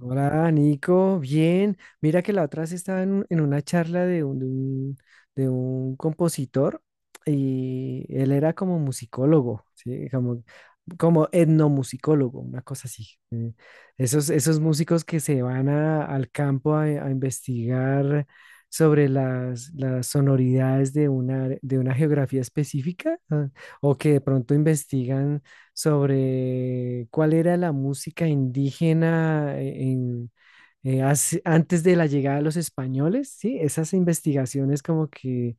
Hola, Nico, bien. Mira que la otra vez estaba en una charla de un compositor y él era como musicólogo, ¿sí? Como etnomusicólogo, una cosa así. Esos músicos que se van al campo a investigar sobre las sonoridades de una geografía específica, o que de pronto investigan sobre cuál era la música indígena, antes de la llegada de los españoles, ¿sí? Esas investigaciones como que,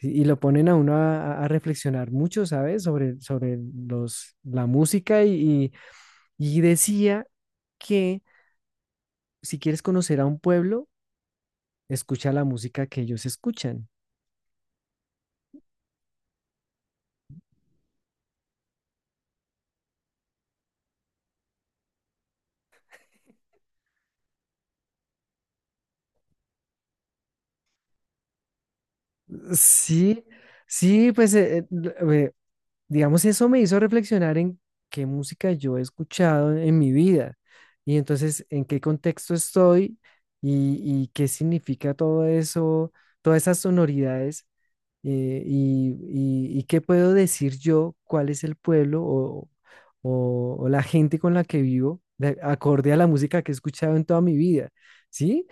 y lo ponen a uno a reflexionar mucho, ¿sabes? Sobre la música y decía que si quieres conocer a un pueblo, escucha la música que ellos escuchan. Sí, sí, pues eh, digamos, eso me hizo reflexionar en qué música yo he escuchado en mi vida y entonces en qué contexto estoy y qué significa todo eso, todas esas sonoridades eh, y, y qué puedo decir yo, cuál es el pueblo o la gente con la que vivo, acorde a la música que he escuchado en toda mi vida, ¿sí?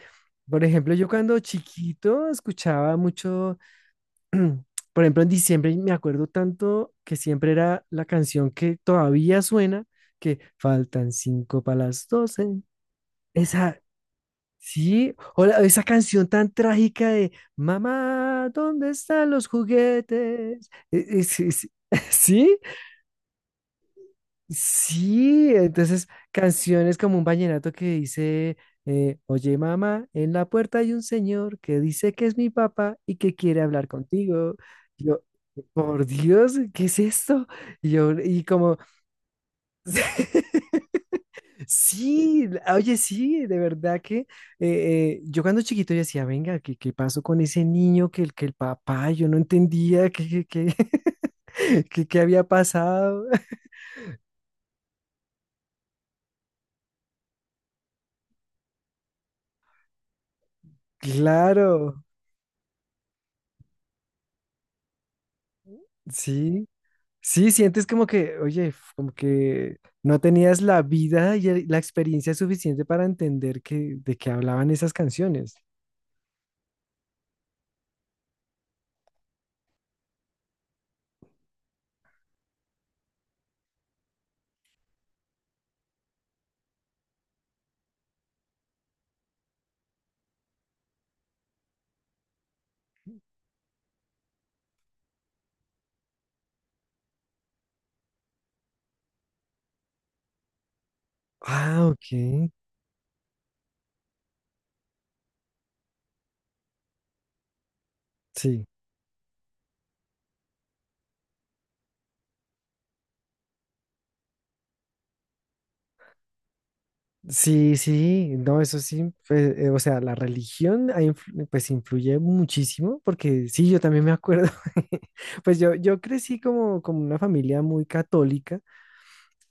Por ejemplo, yo cuando chiquito escuchaba mucho. Por ejemplo, en diciembre me acuerdo tanto que siempre era la canción que todavía suena, que faltan 5 para las 12. Esa, sí, o esa canción tan trágica de Mamá, ¿dónde están los juguetes? Sí. Sí, entonces canciones como un vallenato que dice, oye, mamá, en la puerta hay un señor que dice que es mi papá y que quiere hablar contigo. Yo, por Dios, ¿qué es esto? Y yo, y como, sí, oye, sí, de verdad que yo cuando chiquito yo decía, venga, ¿qué pasó con ese niño que el, papá? Yo no entendía qué había pasado. Claro, sí. Sí, sientes como que, oye, como que no tenías la vida y la experiencia suficiente para entender de qué hablaban esas canciones. Ah, ok. Sí. Sí, sí, no, eso sí, pues, o sea, la religión pues influye muchísimo, porque sí, yo también me acuerdo. Pues yo crecí como una familia muy católica,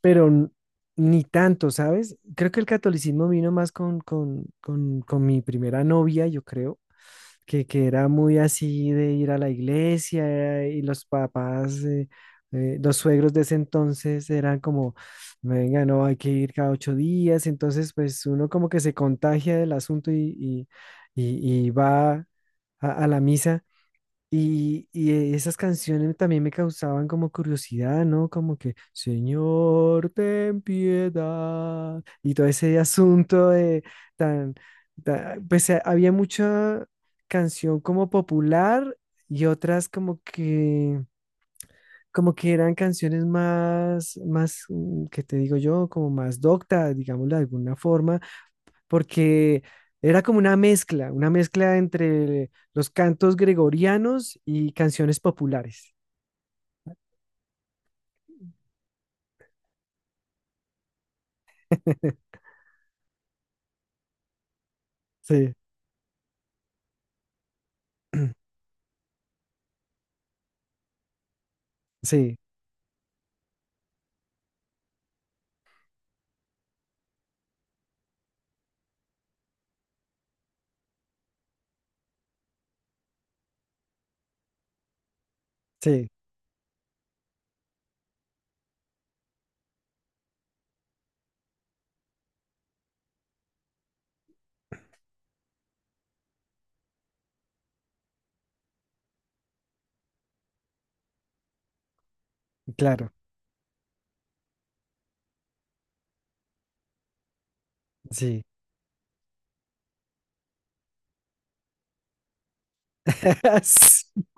pero ni tanto, ¿sabes? Creo que el catolicismo vino más con mi primera novia, yo creo. Que era muy así de ir a la iglesia, y los papás, los suegros de ese entonces eran como, venga, no, hay que ir cada 8 días, entonces pues uno como que se contagia del asunto y va a la misa, y esas canciones también me causaban como curiosidad, ¿no? Como que, Señor, ten piedad. Y todo ese asunto de tan, pues, había mucha canción como popular y otras como que eran canciones más, ¿qué te digo yo? Como más docta, digámoslo de alguna forma, porque era como una mezcla entre los cantos gregorianos y canciones populares. Sí, sí, sí, claro, sí.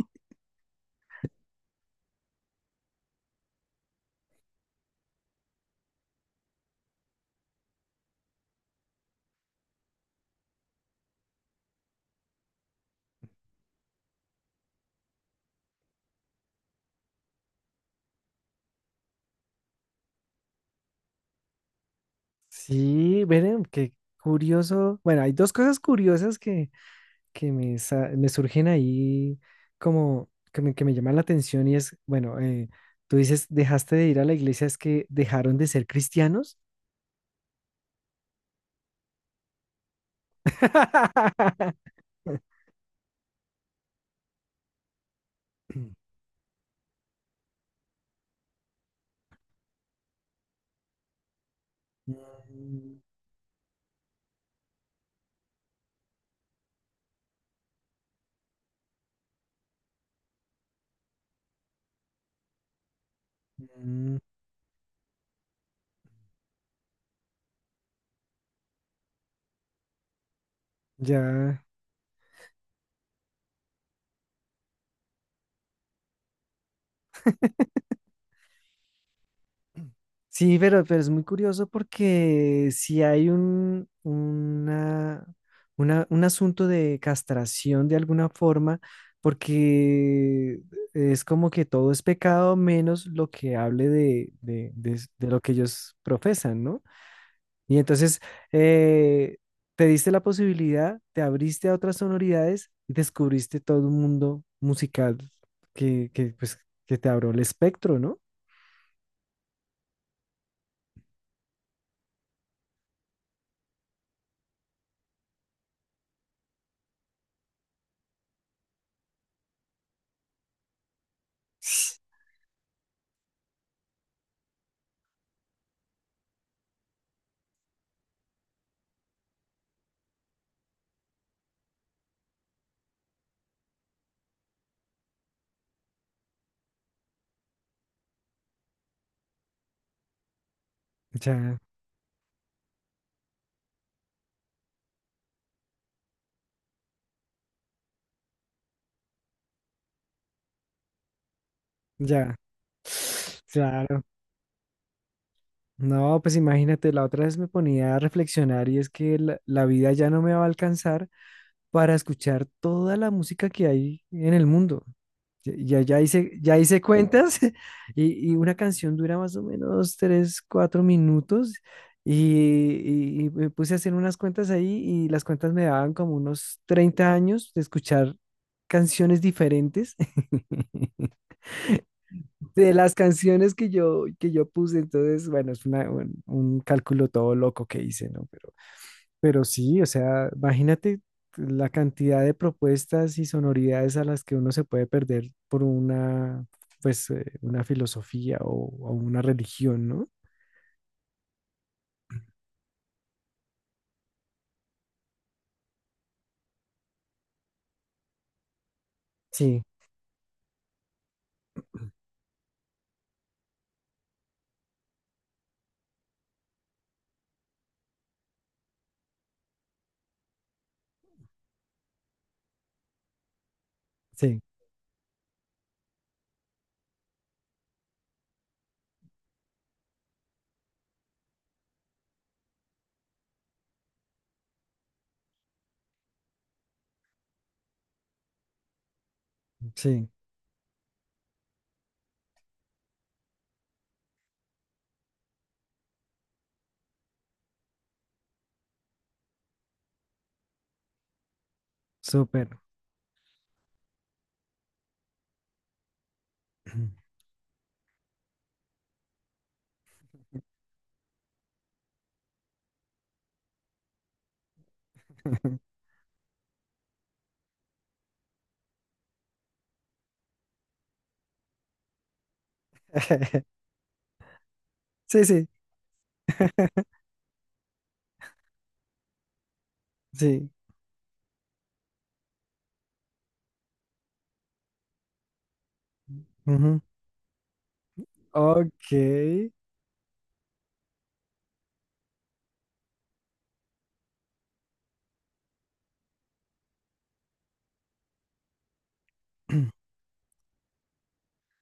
Sí, miren, qué curioso. Bueno, hay dos cosas curiosas que me surgen ahí, como que me llaman la atención, y es, bueno, tú dices, dejaste de ir a la iglesia, es que dejaron de ser cristianos. Mm, mm. Ya. Sí, pero es muy curioso, porque si hay un asunto de castración de alguna forma, porque es como que todo es pecado menos lo que hable de lo que ellos profesan, ¿no? Y entonces eh, te diste la posibilidad, te abriste a otras sonoridades y descubriste todo un mundo musical, pues, que te abrió el espectro, ¿no? Ya. Ya, claro. No, pues imagínate, la otra vez me ponía a reflexionar, y es que la vida ya no me va a alcanzar para escuchar toda la música que hay en el mundo. Ya hice cuentas, y una canción dura más o menos 3, 4 minutos, y me puse a hacer unas cuentas ahí, y las cuentas me daban como unos 30 años de escuchar canciones diferentes, de las canciones que yo puse. Entonces, bueno, es un cálculo todo loco que hice, ¿no? Pero sí, o sea, imagínate la cantidad de propuestas y sonoridades a las que uno se puede perder por pues, una filosofía o una religión, ¿no? Sí, sí, sí, súper. Sí, sí, sí. Ujú. Ok.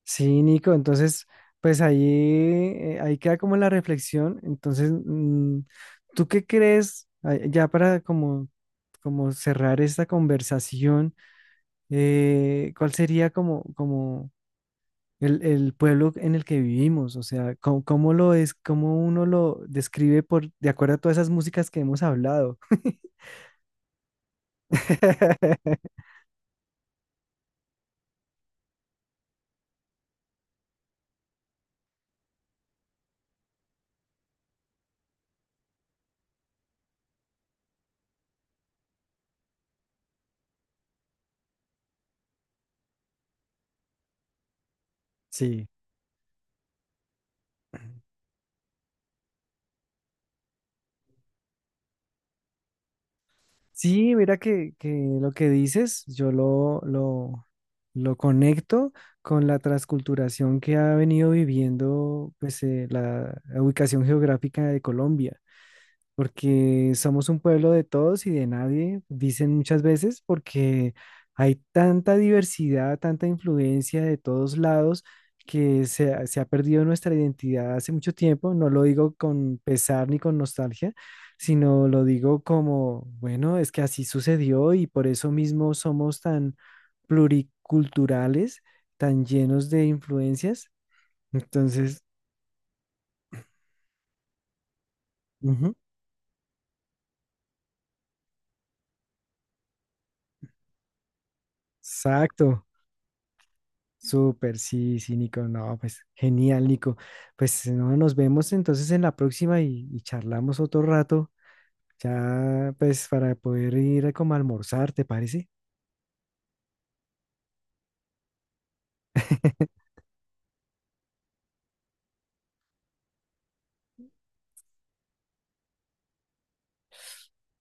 Sí, Nico, entonces, pues ahí queda como la reflexión. Entonces, ¿tú qué crees? Ah, ya, para como cerrar esta conversación, ¿cuál sería como el pueblo en el que vivimos? O sea, ¿cómo lo es, cómo uno lo describe de acuerdo a todas esas músicas que hemos hablado? Sí. Sí, mira que lo que dices, yo lo conecto con la transculturación que ha venido viviendo, pues, la ubicación geográfica de Colombia, porque somos un pueblo de todos y de nadie, dicen muchas veces, porque hay tanta diversidad, tanta influencia de todos lados, que se ha perdido nuestra identidad hace mucho tiempo. No lo digo con pesar ni con nostalgia, sino lo digo como, bueno, es que así sucedió, y por eso mismo somos tan pluriculturales, tan llenos de influencias. Entonces, ujú, exacto. Súper, sí, sí, Nico, no, pues genial, Nico. Pues no, nos vemos entonces en la próxima y charlamos otro rato, ya pues para poder ir a como a almorzar, ¿te parece?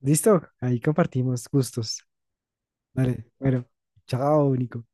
Listo, ahí compartimos gustos. Vale, bueno, chao, Nico.